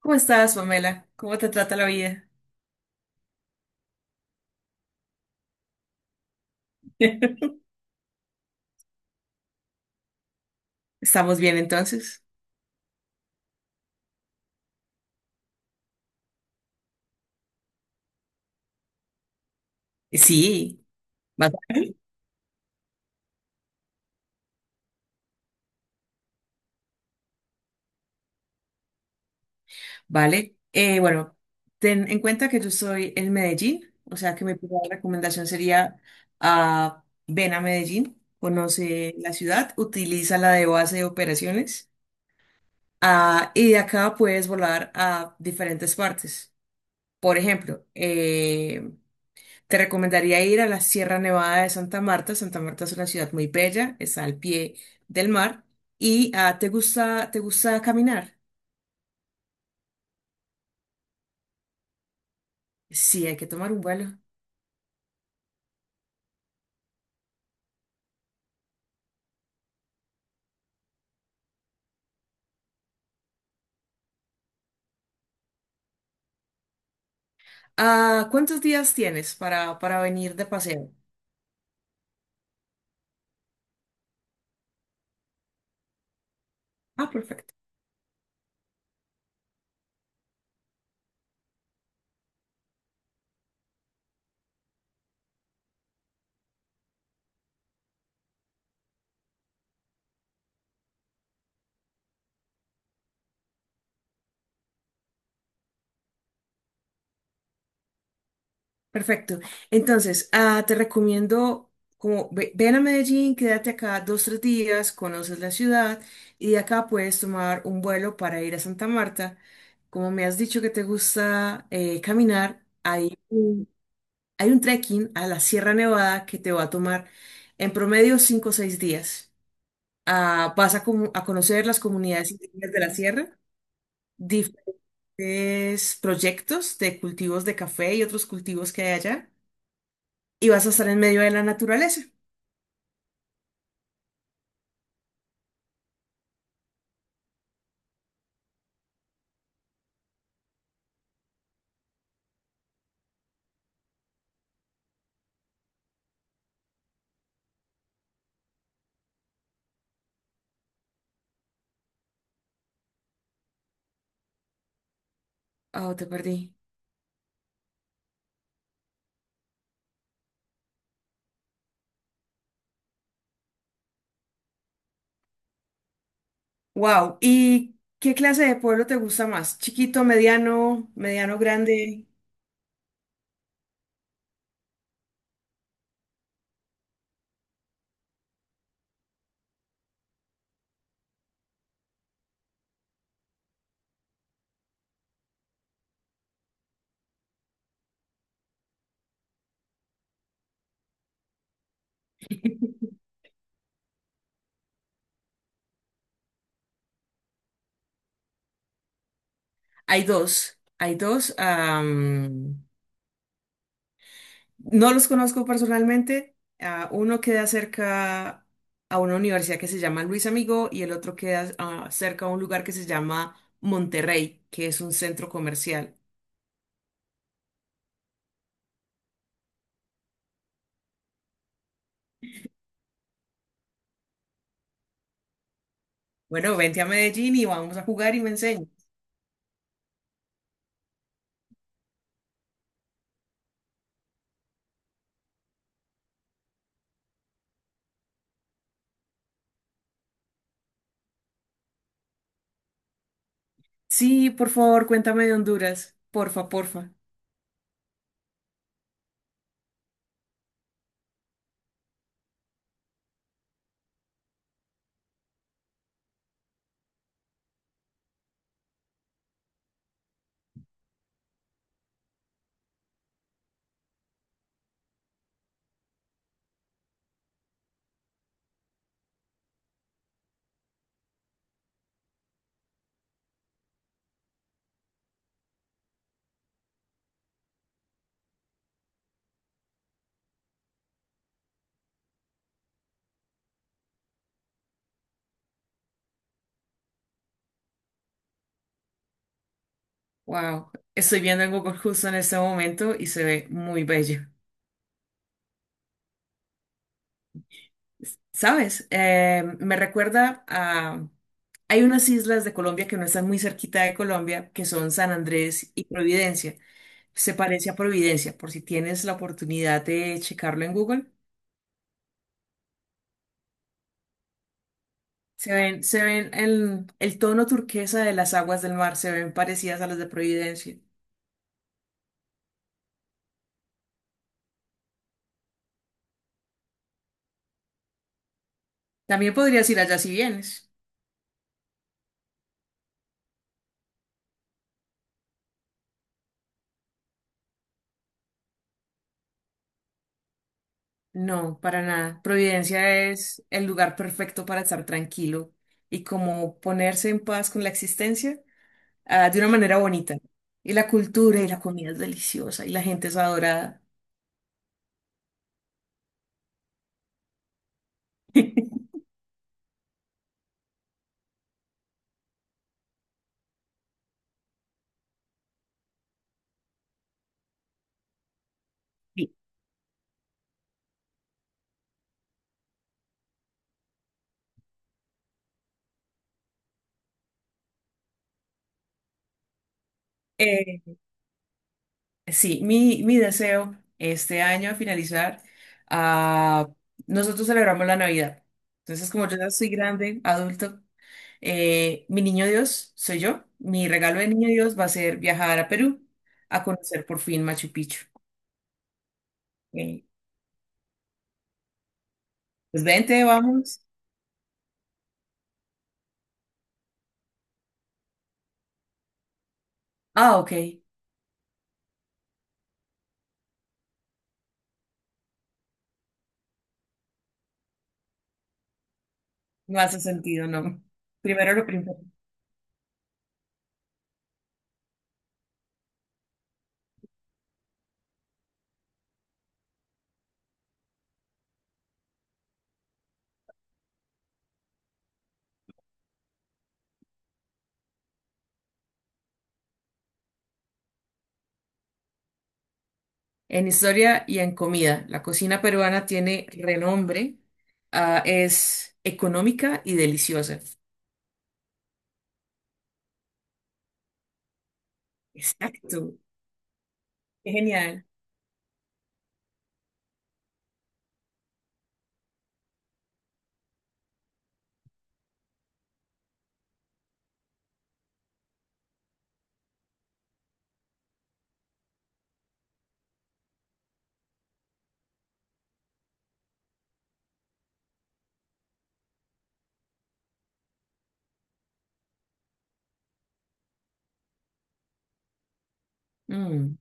¿Cómo estás, Pamela? ¿Cómo te trata la vida? ¿Estamos bien entonces? Sí, va- vale. Bueno, ten en cuenta que yo estoy en Medellín, o sea que mi primera recomendación sería ven a Medellín, conoce la ciudad, utiliza la de base de operaciones y de acá puedes volar a diferentes partes. Por ejemplo, te recomendaría ir a la Sierra Nevada de Santa Marta. Santa Marta es una ciudad muy bella, está al pie del mar. ¿Y te gusta caminar? Sí, hay que tomar un vuelo. Ah, ¿cuántos días tienes para venir de paseo? Ah, perfecto. Perfecto. Entonces, te recomiendo, ven a Medellín, quédate acá 2, 3 días, conoces la ciudad y de acá puedes tomar un vuelo para ir a Santa Marta. Como me has dicho que te gusta caminar, ahí. Hay un trekking a la Sierra Nevada que te va a tomar en promedio 5 o 6 días. Vas a, a conocer las comunidades indígenas de la sierra, diferentes proyectos de cultivos de café y otros cultivos que hay allá, y vas a estar en medio de la naturaleza. Oh, te perdí. Wow. ¿Y qué clase de pueblo te gusta más? ¿Chiquito, mediano, mediano, grande? Hay dos. Hay dos. No los conozco personalmente. Uno queda cerca a una universidad que se llama Luis Amigo y el otro queda cerca a un lugar que se llama Monterrey, que es un centro comercial. Bueno, vente a Medellín y vamos a jugar y me enseñas. Sí, por favor, cuéntame de Honduras. Porfa, porfa. Wow. Estoy viendo en Google justo en este momento y se ve muy bello. ¿Sabes? Me recuerda a... hay unas islas de Colombia que no están muy cerquita de Colombia, que son San Andrés y Providencia. Se parece a Providencia, por si tienes la oportunidad de checarlo en Google. Se ven el tono turquesa de las aguas del mar, se ven parecidas a las de Providencia. También podrías ir allá si vienes. No, para nada. Providencia es el lugar perfecto para estar tranquilo y como ponerse en paz con la existencia. De una manera bonita. Y la cultura y la comida es deliciosa y la gente es adorada. Sí, Eh, mi deseo este año a finalizar, ah, nosotros celebramos la Navidad. Entonces, como yo ya soy grande, adulto, mi niño Dios soy yo. Mi regalo de niño Dios va a ser viajar a Perú a conocer por fin Machu Picchu. Eh, pues vente, vamos. Ah, ok, no hace sentido, no. Primero lo primero. En historia y en comida, la cocina peruana tiene renombre, es económica y deliciosa. Exacto, qué genial. Mm.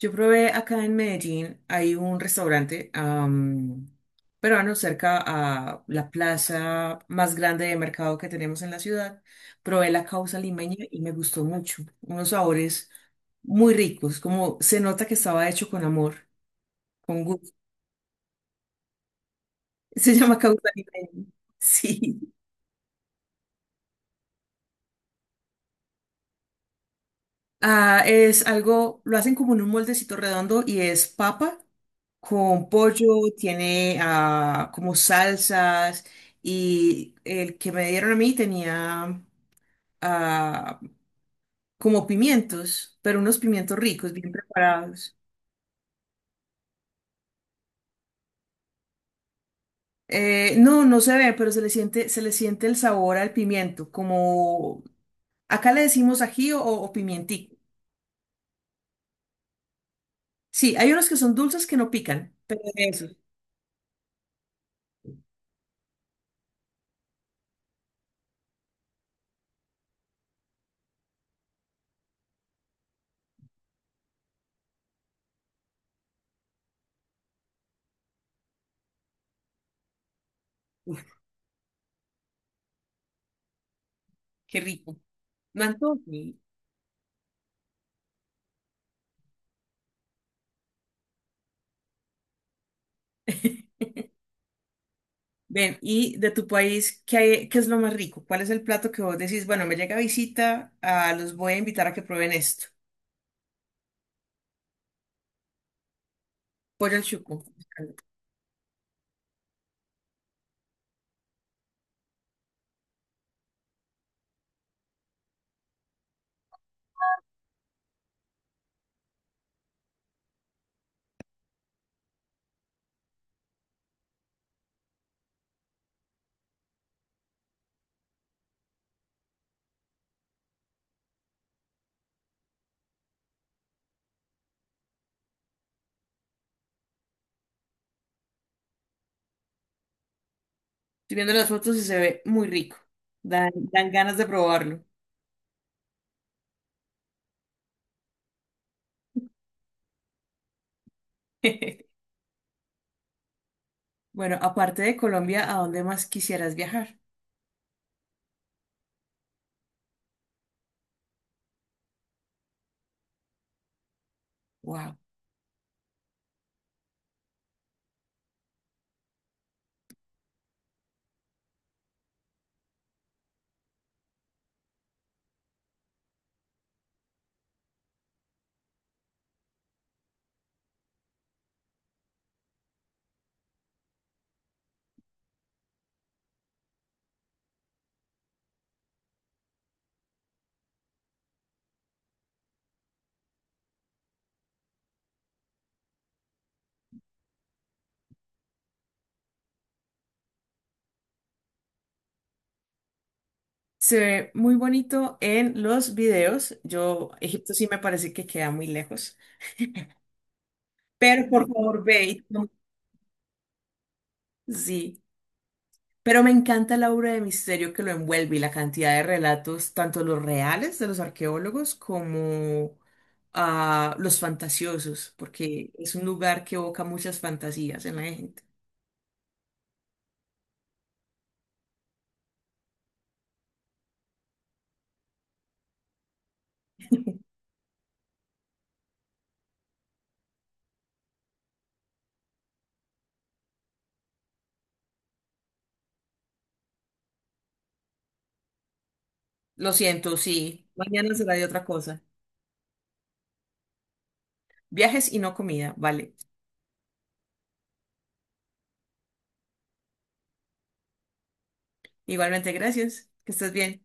Yo probé acá en Medellín, hay un restaurante peruano cerca a la plaza más grande de mercado que tenemos en la ciudad. Probé la causa limeña y me gustó mucho. Unos sabores muy ricos, como se nota que estaba hecho con amor, con gusto. Se llama causa limeña. Sí. Ah, es algo, lo hacen como en un moldecito redondo y es papa con pollo, tiene como salsas y el que me dieron a mí tenía ah, como pimientos, pero unos pimientos ricos, bien preparados. No, no se ve, pero se le siente el sabor al pimiento, como acá le decimos ají o pimientico. Sí, hay unos que son dulces que no pican, pero eso, uf, qué rico. Me antojo. Ven, y de tu país, ¿qué hay- qué es lo más rico? ¿Cuál es el plato que vos decís, bueno, me llega visita, ah, los voy a invitar a que prueben esto? Pollo al chuco. Estoy viendo las fotos y se ve muy rico. Dan, dan ganas de probarlo. Bueno, aparte de Colombia, ¿a dónde más quisieras viajar? Wow. Se ve muy bonito en los videos. Yo, Egipto sí me parece que queda muy lejos, pero por favor ve. Y- sí. Pero me encanta la obra de misterio que lo envuelve y la cantidad de relatos, tanto los reales de los arqueólogos como los fantasiosos, porque es un lugar que evoca muchas fantasías en la gente. Lo siento, sí. Mañana será de otra cosa. Viajes y no comida, vale. Igualmente, gracias. Que estés bien.